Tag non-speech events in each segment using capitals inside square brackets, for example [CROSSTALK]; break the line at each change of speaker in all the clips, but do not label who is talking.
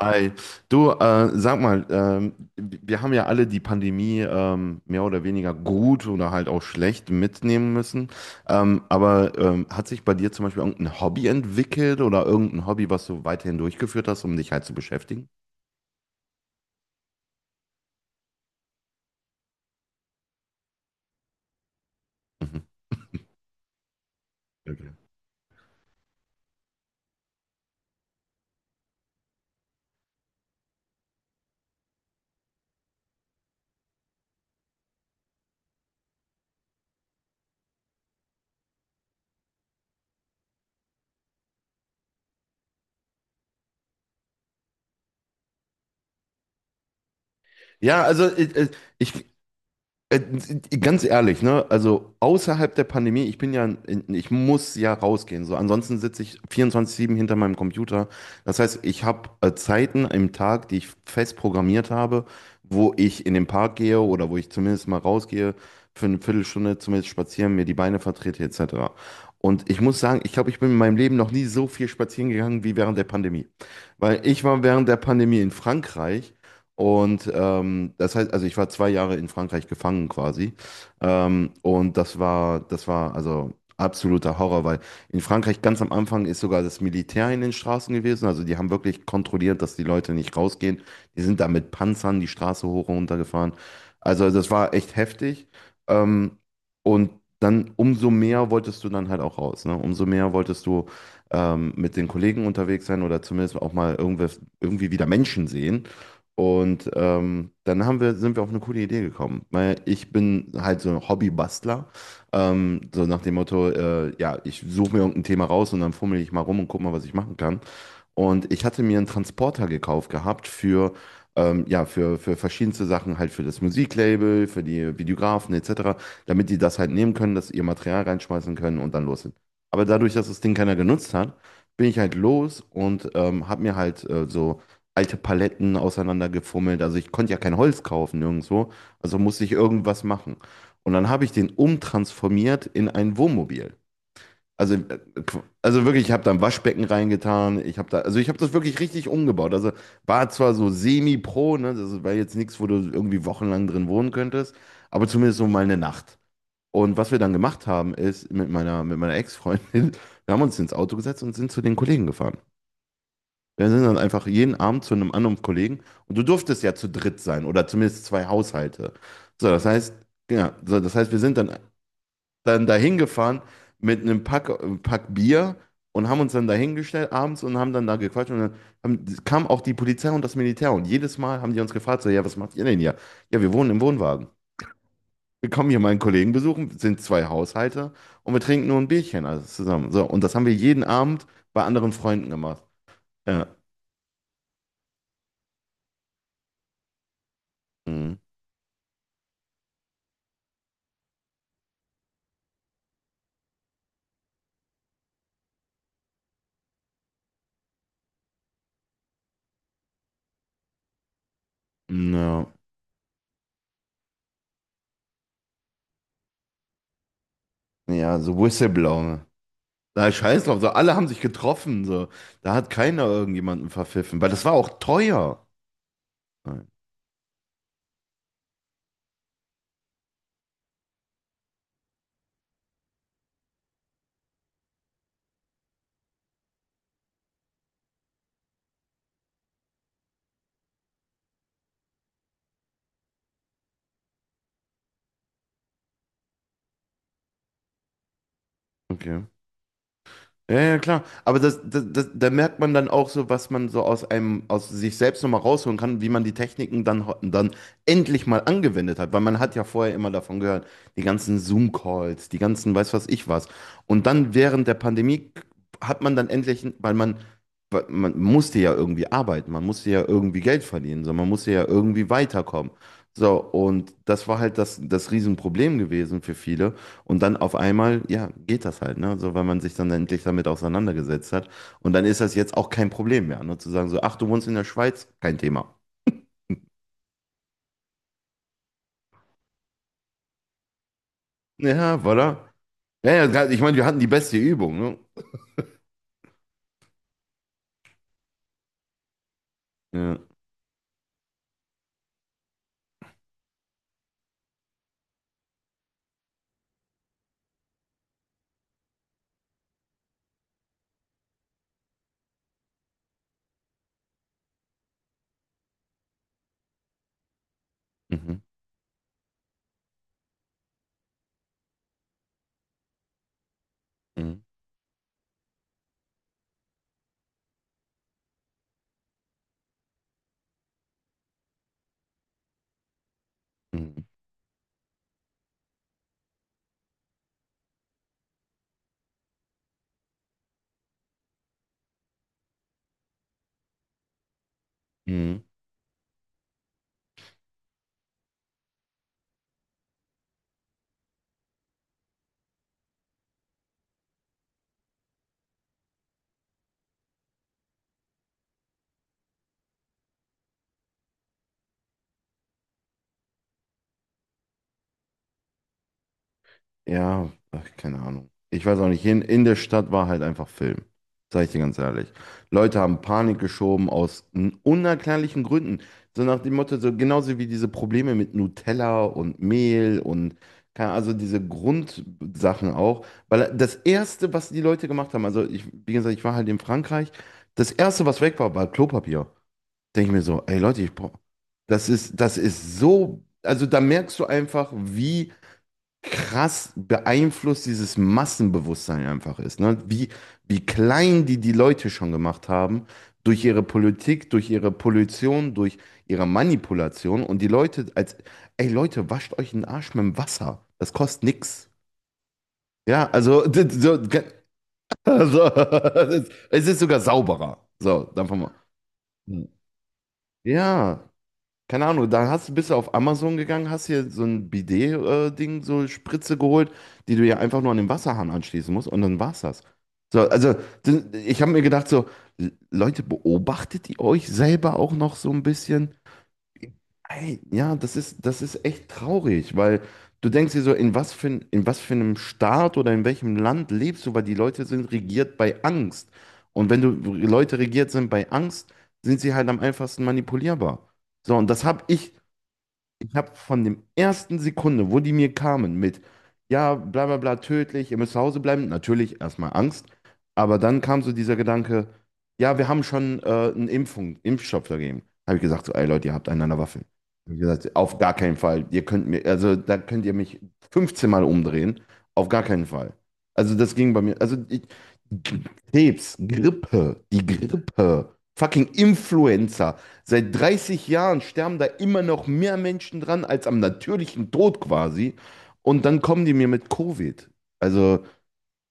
Hi. Du, sag mal, wir haben ja alle die Pandemie mehr oder weniger gut oder halt auch schlecht mitnehmen müssen. Aber hat sich bei dir zum Beispiel irgendein Hobby entwickelt oder irgendein Hobby, was du weiterhin durchgeführt hast, um dich halt zu beschäftigen? Mhm. Okay. Ja, also ich, Äh, ganz ehrlich, ne? Also außerhalb der Pandemie, ich muss ja rausgehen. So, ansonsten sitze ich 24/7 hinter meinem Computer. Das heißt, ich habe Zeiten im Tag, die ich fest programmiert habe, wo ich in den Park gehe oder wo ich zumindest mal rausgehe für eine Viertelstunde, zumindest spazieren, mir die Beine vertrete etc. Und ich muss sagen, ich glaube, ich bin in meinem Leben noch nie so viel spazieren gegangen wie während der Pandemie. Weil ich war während der Pandemie in Frankreich. Und das heißt, also ich war 2 Jahre in Frankreich gefangen quasi. Und das war also absoluter Horror, weil in Frankreich ganz am Anfang ist sogar das Militär in den Straßen gewesen. Also die haben wirklich kontrolliert, dass die Leute nicht rausgehen. Die sind da mit Panzern die Straße hoch und runter gefahren. Also das war echt heftig. Ähm, und dann umso mehr wolltest du dann halt auch raus, ne? Umso mehr wolltest du mit den Kollegen unterwegs sein oder zumindest auch mal irgendwas, irgendwie wieder Menschen sehen. Und dann sind wir auf eine coole Idee gekommen, weil ich bin halt so ein Hobbybastler, so nach dem Motto, ja, ich suche mir irgendein Thema raus und dann fummel ich mal rum und guck mal, was ich machen kann. Und ich hatte mir einen Transporter gekauft gehabt für, ja, für verschiedenste Sachen, halt für das Musiklabel, für die Videografen etc., damit die das halt nehmen können, dass sie ihr Material reinschmeißen können und dann los sind. Aber dadurch, dass das Ding keiner genutzt hat, bin ich halt los und habe mir halt so alte Paletten auseinandergefummelt. Also ich konnte ja kein Holz kaufen nirgendwo, also musste ich irgendwas machen. Und dann habe ich den umtransformiert in ein Wohnmobil. Also, äh, also wirklich, ich habe da ein Waschbecken reingetan. Ich habe da, also ich habe das wirklich richtig umgebaut. Also war zwar so semi-pro, ne, das war jetzt nichts, wo du irgendwie wochenlang drin wohnen könntest, aber zumindest so mal eine Nacht. Und was wir dann gemacht haben, ist mit meiner Ex-Freundin, [LAUGHS] wir haben uns ins Auto gesetzt und sind zu den Kollegen gefahren. Wir sind dann einfach jeden Abend zu einem anderen Kollegen und du durftest ja zu dritt sein oder zumindest 2 Haushalte. So, das heißt, wir sind dann dahin gefahren mit einem Pack Bier und haben uns dann dahingestellt abends und haben dann da gequatscht und dann kam auch die Polizei und das Militär und jedes Mal haben die uns gefragt, so, ja, was macht ihr denn hier? Ja, wir wohnen im Wohnwagen. Wir kommen hier meinen Kollegen besuchen, sind 2 Haushalte und wir trinken nur ein Bierchen alles zusammen. So, und das haben wir jeden Abend bei anderen Freunden gemacht. Ja, mhm. Ja, ja, so Whistleblower. Da scheiß drauf, so alle haben sich getroffen, so. Da hat keiner irgendjemanden verpfiffen, weil das war auch teuer. Nein. Okay. Ja, ja, klar. Aber da merkt man dann auch so, was man so aus sich selbst nochmal rausholen kann, wie man die Techniken dann, dann endlich mal angewendet hat. Weil man hat ja vorher immer davon gehört, die ganzen Zoom-Calls, die ganzen weiß was ich was. Und dann während der Pandemie hat man dann endlich, weil man, musste ja irgendwie arbeiten, man musste ja irgendwie Geld verdienen, so, man musste ja irgendwie weiterkommen. So, und das war halt das Riesenproblem gewesen für viele. Und dann auf einmal, ja, geht das halt, ne? So, weil man sich dann endlich damit auseinandergesetzt hat. Und dann ist das jetzt auch kein Problem mehr, ne? Zu sagen so, ach, du wohnst in der Schweiz? Kein Thema. Ja, voilà. Ja, ja, ich meine, wir hatten die beste Übung, ne? Ja. Mhm. Mhm. Mhm. Mhm. Ja, ach, keine Ahnung. Ich weiß auch nicht. Hier in der Stadt war halt einfach Film. Sag ich dir ganz ehrlich. Leute haben Panik geschoben aus unerklärlichen Gründen. So nach dem Motto, so genauso wie diese Probleme mit Nutella und Mehl und also diese Grundsachen auch. Weil das Erste, was die Leute gemacht haben, also ich, wie gesagt, ich war halt in Frankreich, das Erste, was weg war, war Klopapier. Denke ich mir so, ey Leute, das ist, so, also da merkst du einfach, wie krass beeinflusst dieses Massenbewusstsein einfach ist. Ne? Wie klein die Leute schon gemacht haben durch ihre Politik, durch ihre Pollution, durch ihre Manipulation. Und die Leute als, ey Leute, wascht euch den Arsch mit dem Wasser. Das kostet nix. Ja, also, also [LAUGHS] es ist sogar sauberer. So, davon mal. Hm. Ja, keine Ahnung, dann bist du auf Amazon gegangen, hast hier so ein Bidet-Ding, so Spritze geholt, die du ja einfach nur an den Wasserhahn anschließen musst und dann war's das. So, also ich habe mir gedacht, so, Leute, beobachtet ihr euch selber auch noch so ein bisschen? Ey, ja, das ist echt traurig, weil du denkst dir so, in was für einem Staat oder in welchem Land lebst du, weil die Leute sind regiert bei Angst. Und wenn du Leute regiert sind bei Angst, sind sie halt am einfachsten manipulierbar. So, und das habe ich ich habe von dem ersten Sekunde, wo die mir kamen mit, ja, bla bla bla, tödlich, ihr müsst zu Hause bleiben, natürlich erstmal Angst, aber dann kam so dieser Gedanke, ja, wir haben schon Impfstoff dagegen. Habe ich gesagt, so, ey Leute, ihr habt einander an. Hab ich gesagt, auf gar keinen Fall, ihr könnt mir, also da könnt ihr mich 15 Mal umdrehen, auf gar keinen Fall. Also das ging bei mir, Krebs, Grippe, die Grippe, fucking Influenza. Seit 30 Jahren sterben da immer noch mehr Menschen dran als am natürlichen Tod quasi. Und dann kommen die mir mit Covid. Also,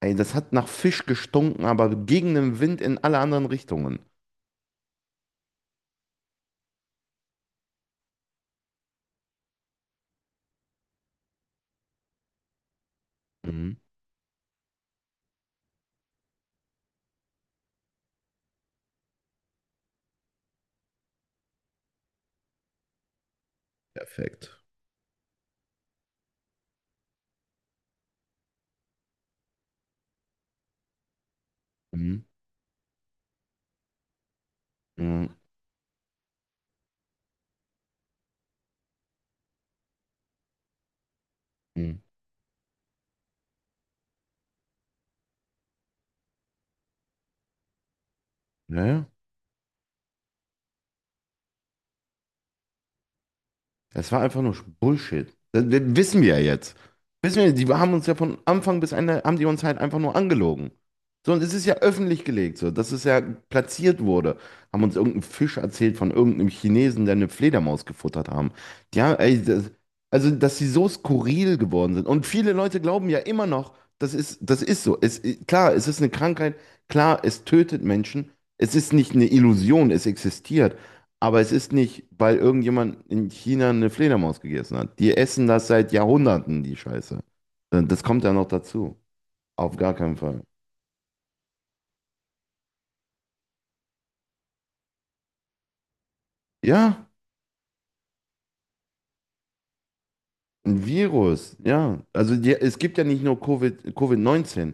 ey, das hat nach Fisch gestunken, aber gegen den Wind in alle anderen Richtungen. Mhm. Perfekt. Mhm. Mhm. Mhm. Ja, ja. Das war einfach nur Bullshit. Das wissen wir ja jetzt. Wissen wir, die haben uns ja von Anfang bis Ende, haben die uns halt einfach nur angelogen. So, und es ist ja öffentlich gelegt, so, dass es ja platziert wurde. Haben uns irgendeinen Fisch erzählt von irgendeinem Chinesen, der eine Fledermaus gefuttert haben. Ja, ey, also, dass sie so skurril geworden sind. Und viele Leute glauben ja immer noch, das ist so. Klar, es ist eine Krankheit. Klar, es tötet Menschen. Es ist nicht eine Illusion, es existiert. Aber es ist nicht, weil irgendjemand in China eine Fledermaus gegessen hat. Die essen das seit Jahrhunderten, die Scheiße. Das kommt ja noch dazu. Auf gar keinen Fall. Ja, ein Virus, ja. Es gibt ja nicht nur Covid, Covid-19.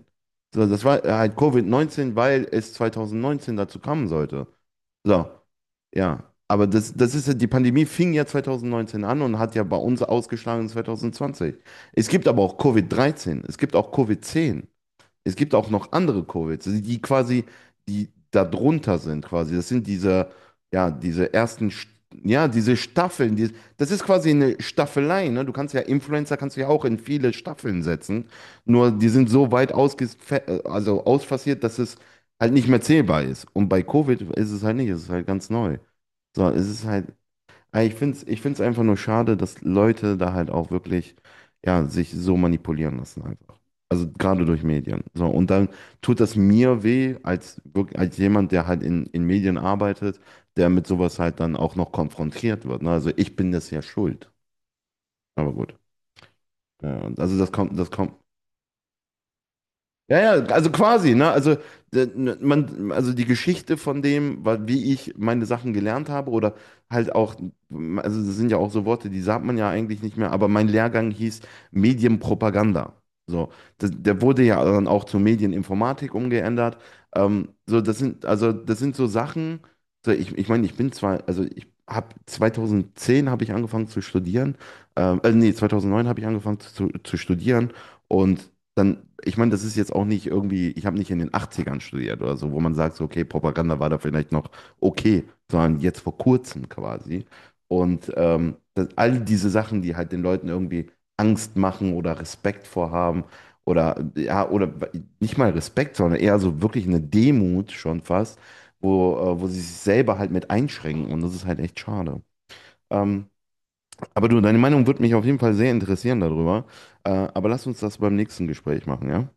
So, das war halt Covid-19, weil es 2019 dazu kommen sollte. So, ja. Aber die Pandemie fing ja 2019 an und hat ja bei uns ausgeschlagen in 2020. Es gibt aber auch Covid-13, es gibt auch Covid-10. Es gibt auch noch andere Covid, also die quasi, die da drunter sind quasi. Das sind diese, ja, diese ersten, ja, diese Staffeln. Das ist quasi eine Staffelei, ne? Du kannst ja Influencer, kannst du ja auch in viele Staffeln setzen. Nur die sind so weit also ausfassiert, dass es halt nicht mehr zählbar ist. Und bei Covid ist es halt nicht, es ist halt ganz neu. So, es ist halt, aber Ich finde es ich find's einfach nur schade, dass Leute da halt auch wirklich, ja, sich so manipulieren lassen einfach. Also gerade durch Medien. So, und dann tut das mir weh, als, als jemand, der halt in Medien arbeitet, der mit sowas halt dann auch noch konfrontiert wird. Ne? Also ich bin das ja schuld. Aber gut. Ja, und also das kommt, das kommt. Ja, ja, also quasi, ne? Also, ne, man, also die Geschichte von dem, wie ich meine Sachen gelernt habe, oder halt auch, also das sind ja auch so Worte, die sagt man ja eigentlich nicht mehr, aber mein Lehrgang hieß Medienpropaganda. So, der wurde ja dann auch zur Medieninformatik umgeändert. So, also das sind so Sachen, so ich meine, ich bin zwar, also ich habe 2010 habe ich angefangen zu studieren, nee, 2009 habe ich angefangen zu studieren. Und dann, ich meine, das ist jetzt auch nicht irgendwie, ich habe nicht in den Achtzigern studiert oder so, wo man sagt, so, okay, Propaganda war da vielleicht noch okay, sondern jetzt vor kurzem quasi. Und all diese Sachen, die halt den Leuten irgendwie Angst machen oder Respekt vorhaben oder, ja, oder nicht mal Respekt, sondern eher so wirklich eine Demut schon fast, wo sie sich selber halt mit einschränken und das ist halt echt schade. Ähm, aber du, deine Meinung würde mich auf jeden Fall sehr interessieren darüber. Aber lass uns das beim nächsten Gespräch machen, ja?